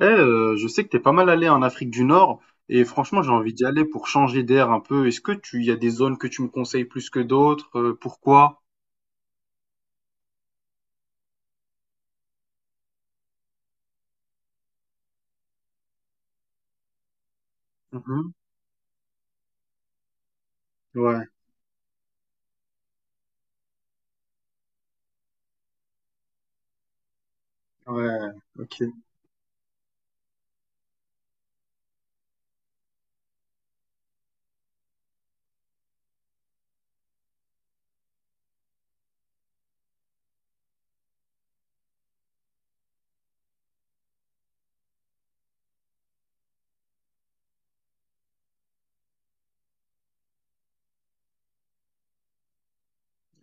Je sais que t'es pas mal allé en Afrique du Nord et franchement j'ai envie d'y aller pour changer d'air un peu. Est-ce que tu y a des zones que tu me conseilles plus que d'autres? Pourquoi? Mhm. Ouais, ouais, ok,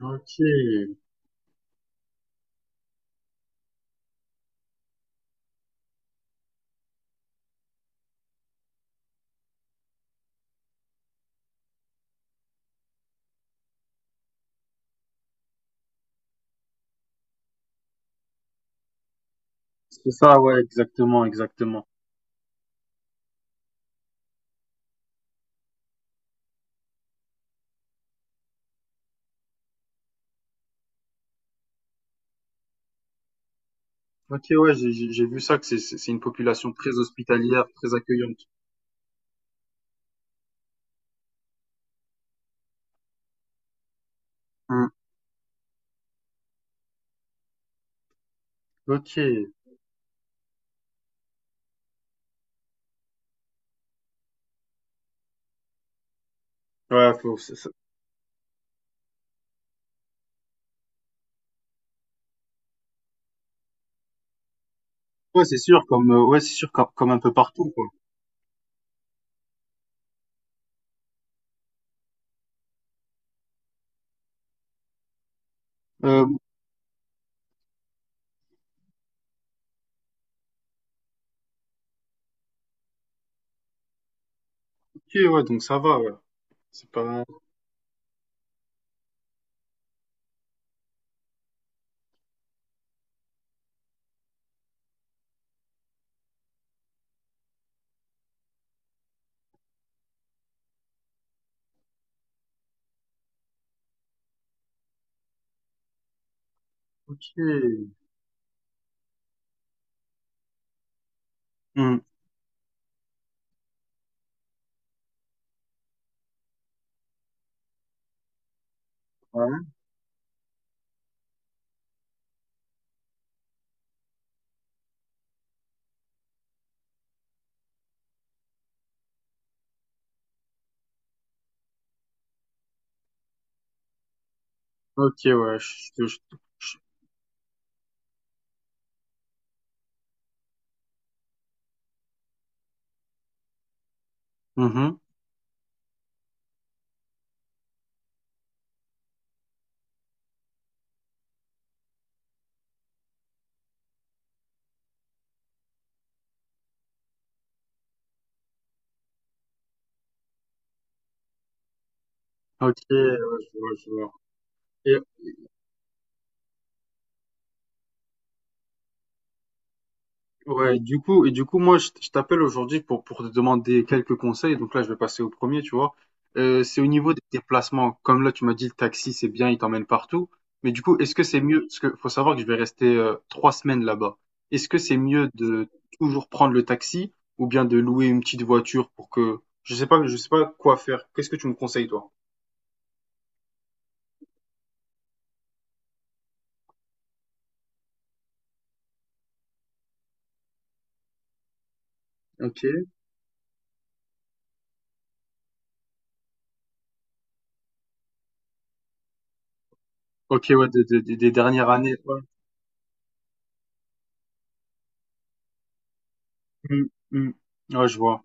ok. C'est ça, ouais, exactement, exactement. Ok, ouais, j'ai vu ça que c'est une population très hospitalière, très accueillante. Hmm. Ok. Ouais, ouais, c'est sûr, comme ouais, c'est sûr comme, comme un peu partout quoi. Euh, ok, ouais, donc ça va, ouais. C'est pas. Ok. Hmm. Ouais. OK, ouais, je- je- je- mhm. OK, ouais, je vois, je vois. Et ouais, du coup, et du coup, moi, je t'appelle aujourd'hui pour te demander quelques conseils. Donc là, je vais passer au premier, tu vois. C'est au niveau des déplacements. Comme là, tu m'as dit, le taxi, c'est bien, il t'emmène partout. Mais du coup, est-ce que c'est mieux, parce que faut savoir que je vais rester 3 semaines là-bas. Est-ce que c'est mieux de toujours prendre le taxi ou bien de louer une petite voiture pour que, je sais pas quoi faire. Qu'est-ce que tu me conseilles, toi? Ok. Ok, ouais, des, des dernières années. Ouais. Mmh, mmh. Ouais, je vois.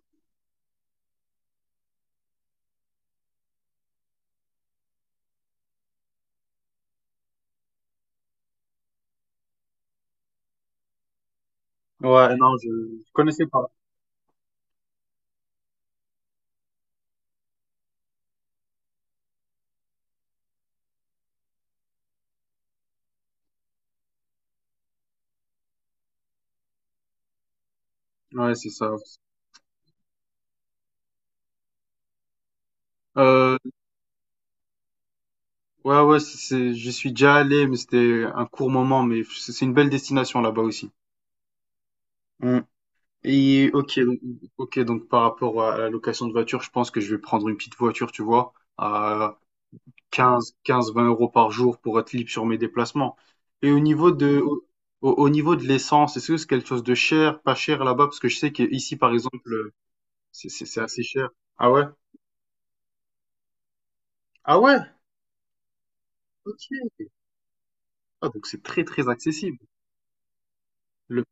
Ouais, non, je connaissais pas. Ouais, c'est ça. Euh, ouais, ouais, j'y suis déjà allé, mais c'était un court moment, mais c'est une belle destination là-bas aussi. Mmh. Et ok, donc par rapport à la location de voiture, je pense que je vais prendre une petite voiture, tu vois, à quinze 20 euros par jour pour être libre sur mes déplacements. Et au niveau de, au, au niveau de l'essence, est-ce que c'est quelque chose de cher, pas cher là-bas? Parce que je sais qu'ici, par exemple, c'est assez cher. Ah ouais? Ah ouais? Ok. Ah, donc c'est très très accessible. Le...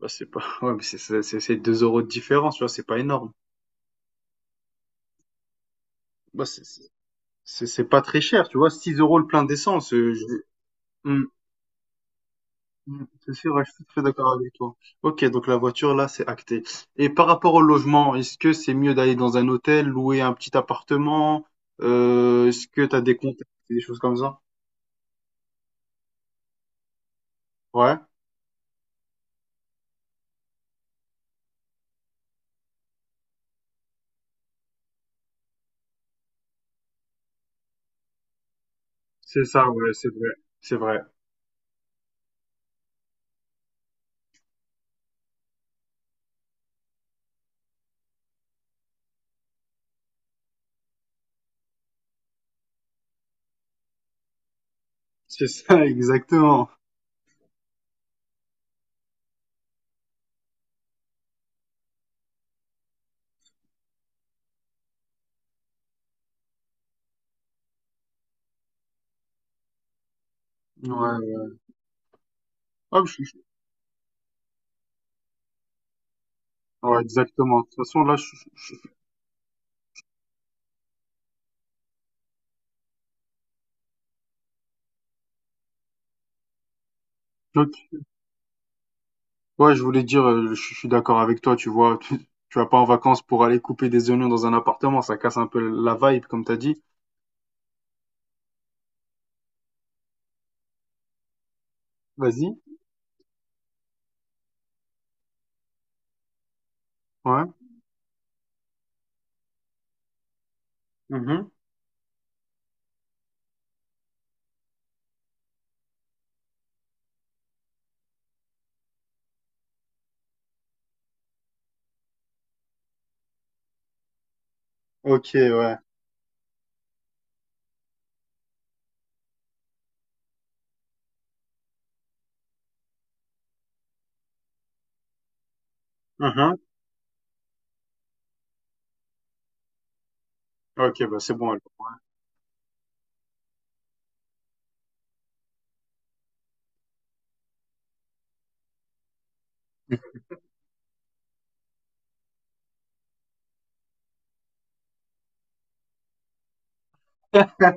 Bah, c'est pas... ouais, mais c'est 2 euros de différence, tu vois, c'est pas énorme. Bah, c'est pas très cher, tu vois, 6 euros le plein d'essence. Je... Hmm, hmm, c'est sûr, ouais, je suis tout à fait d'accord avec toi. Ok, donc la voiture, là, c'est acté. Et par rapport au logement, est-ce que c'est mieux d'aller dans un hôtel, louer un petit appartement? Est-ce que t'as des comptes, des choses comme ça? Ouais, c'est ça, ouais, c'est vrai. C'est vrai. C'est ça, exactement. Ouais. Ah, je suis- ouais, exactement. De toute façon, là, je Ok. Ouais, je voulais dire, je suis d'accord avec toi, tu vois, tu vas pas en vacances pour aller couper des oignons dans un appartement, ça casse un peu la vibe, comme t'as dit. Vas-y. Ouais. Mhm. Ok, ouais. Mhm. Ok, bah c'est bon alors.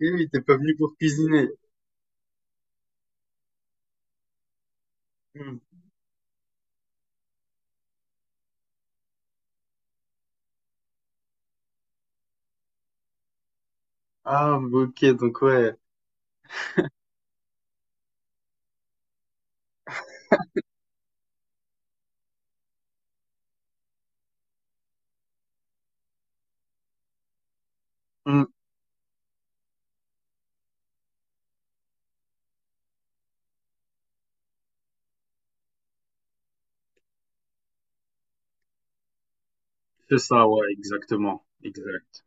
Oui, oui, t'es pas venu pour cuisiner. Hmm. Ah, ok, donc ouais. Hmm, c'est ça, ouais, exactement. Exact.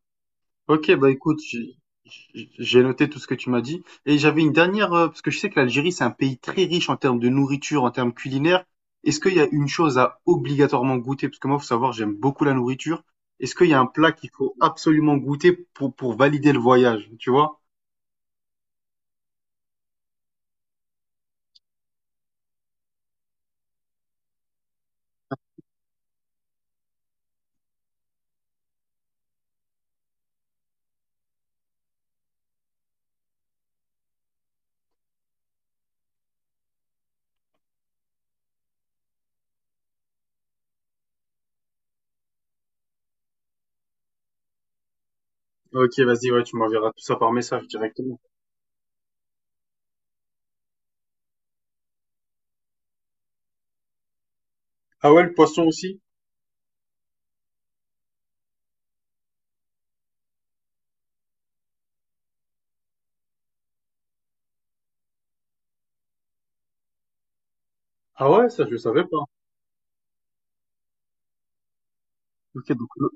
Ok, bah écoute, j'ai noté tout ce que tu m'as dit. Et j'avais une dernière, parce que je sais que l'Algérie, c'est un pays très riche en termes de nourriture, en termes culinaires. Est-ce qu'il y a une chose à obligatoirement goûter? Parce que moi, faut savoir, j'aime beaucoup la nourriture. Est-ce qu'il y a un plat qu'il faut absolument goûter pour valider le voyage, tu vois? Ok, vas-y, ouais, tu m'enverras tout ça par message directement. Ah ouais, le poisson aussi? Ah ouais, ça, je le savais pas. Ok, donc l'eau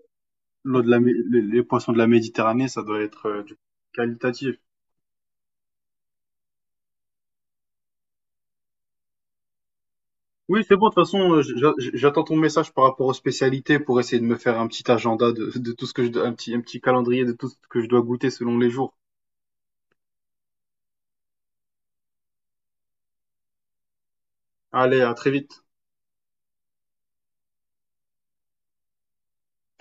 l'eau de la, Mé- les poissons de la Méditerranée, ça doit être du- qualitatif. Oui, c'est bon. De toute façon, j'attends ton message par rapport aux spécialités pour essayer de me faire un petit agenda de tout ce que je, dois- un petit calendrier de tout ce que je dois goûter selon les jours. Allez, à très vite.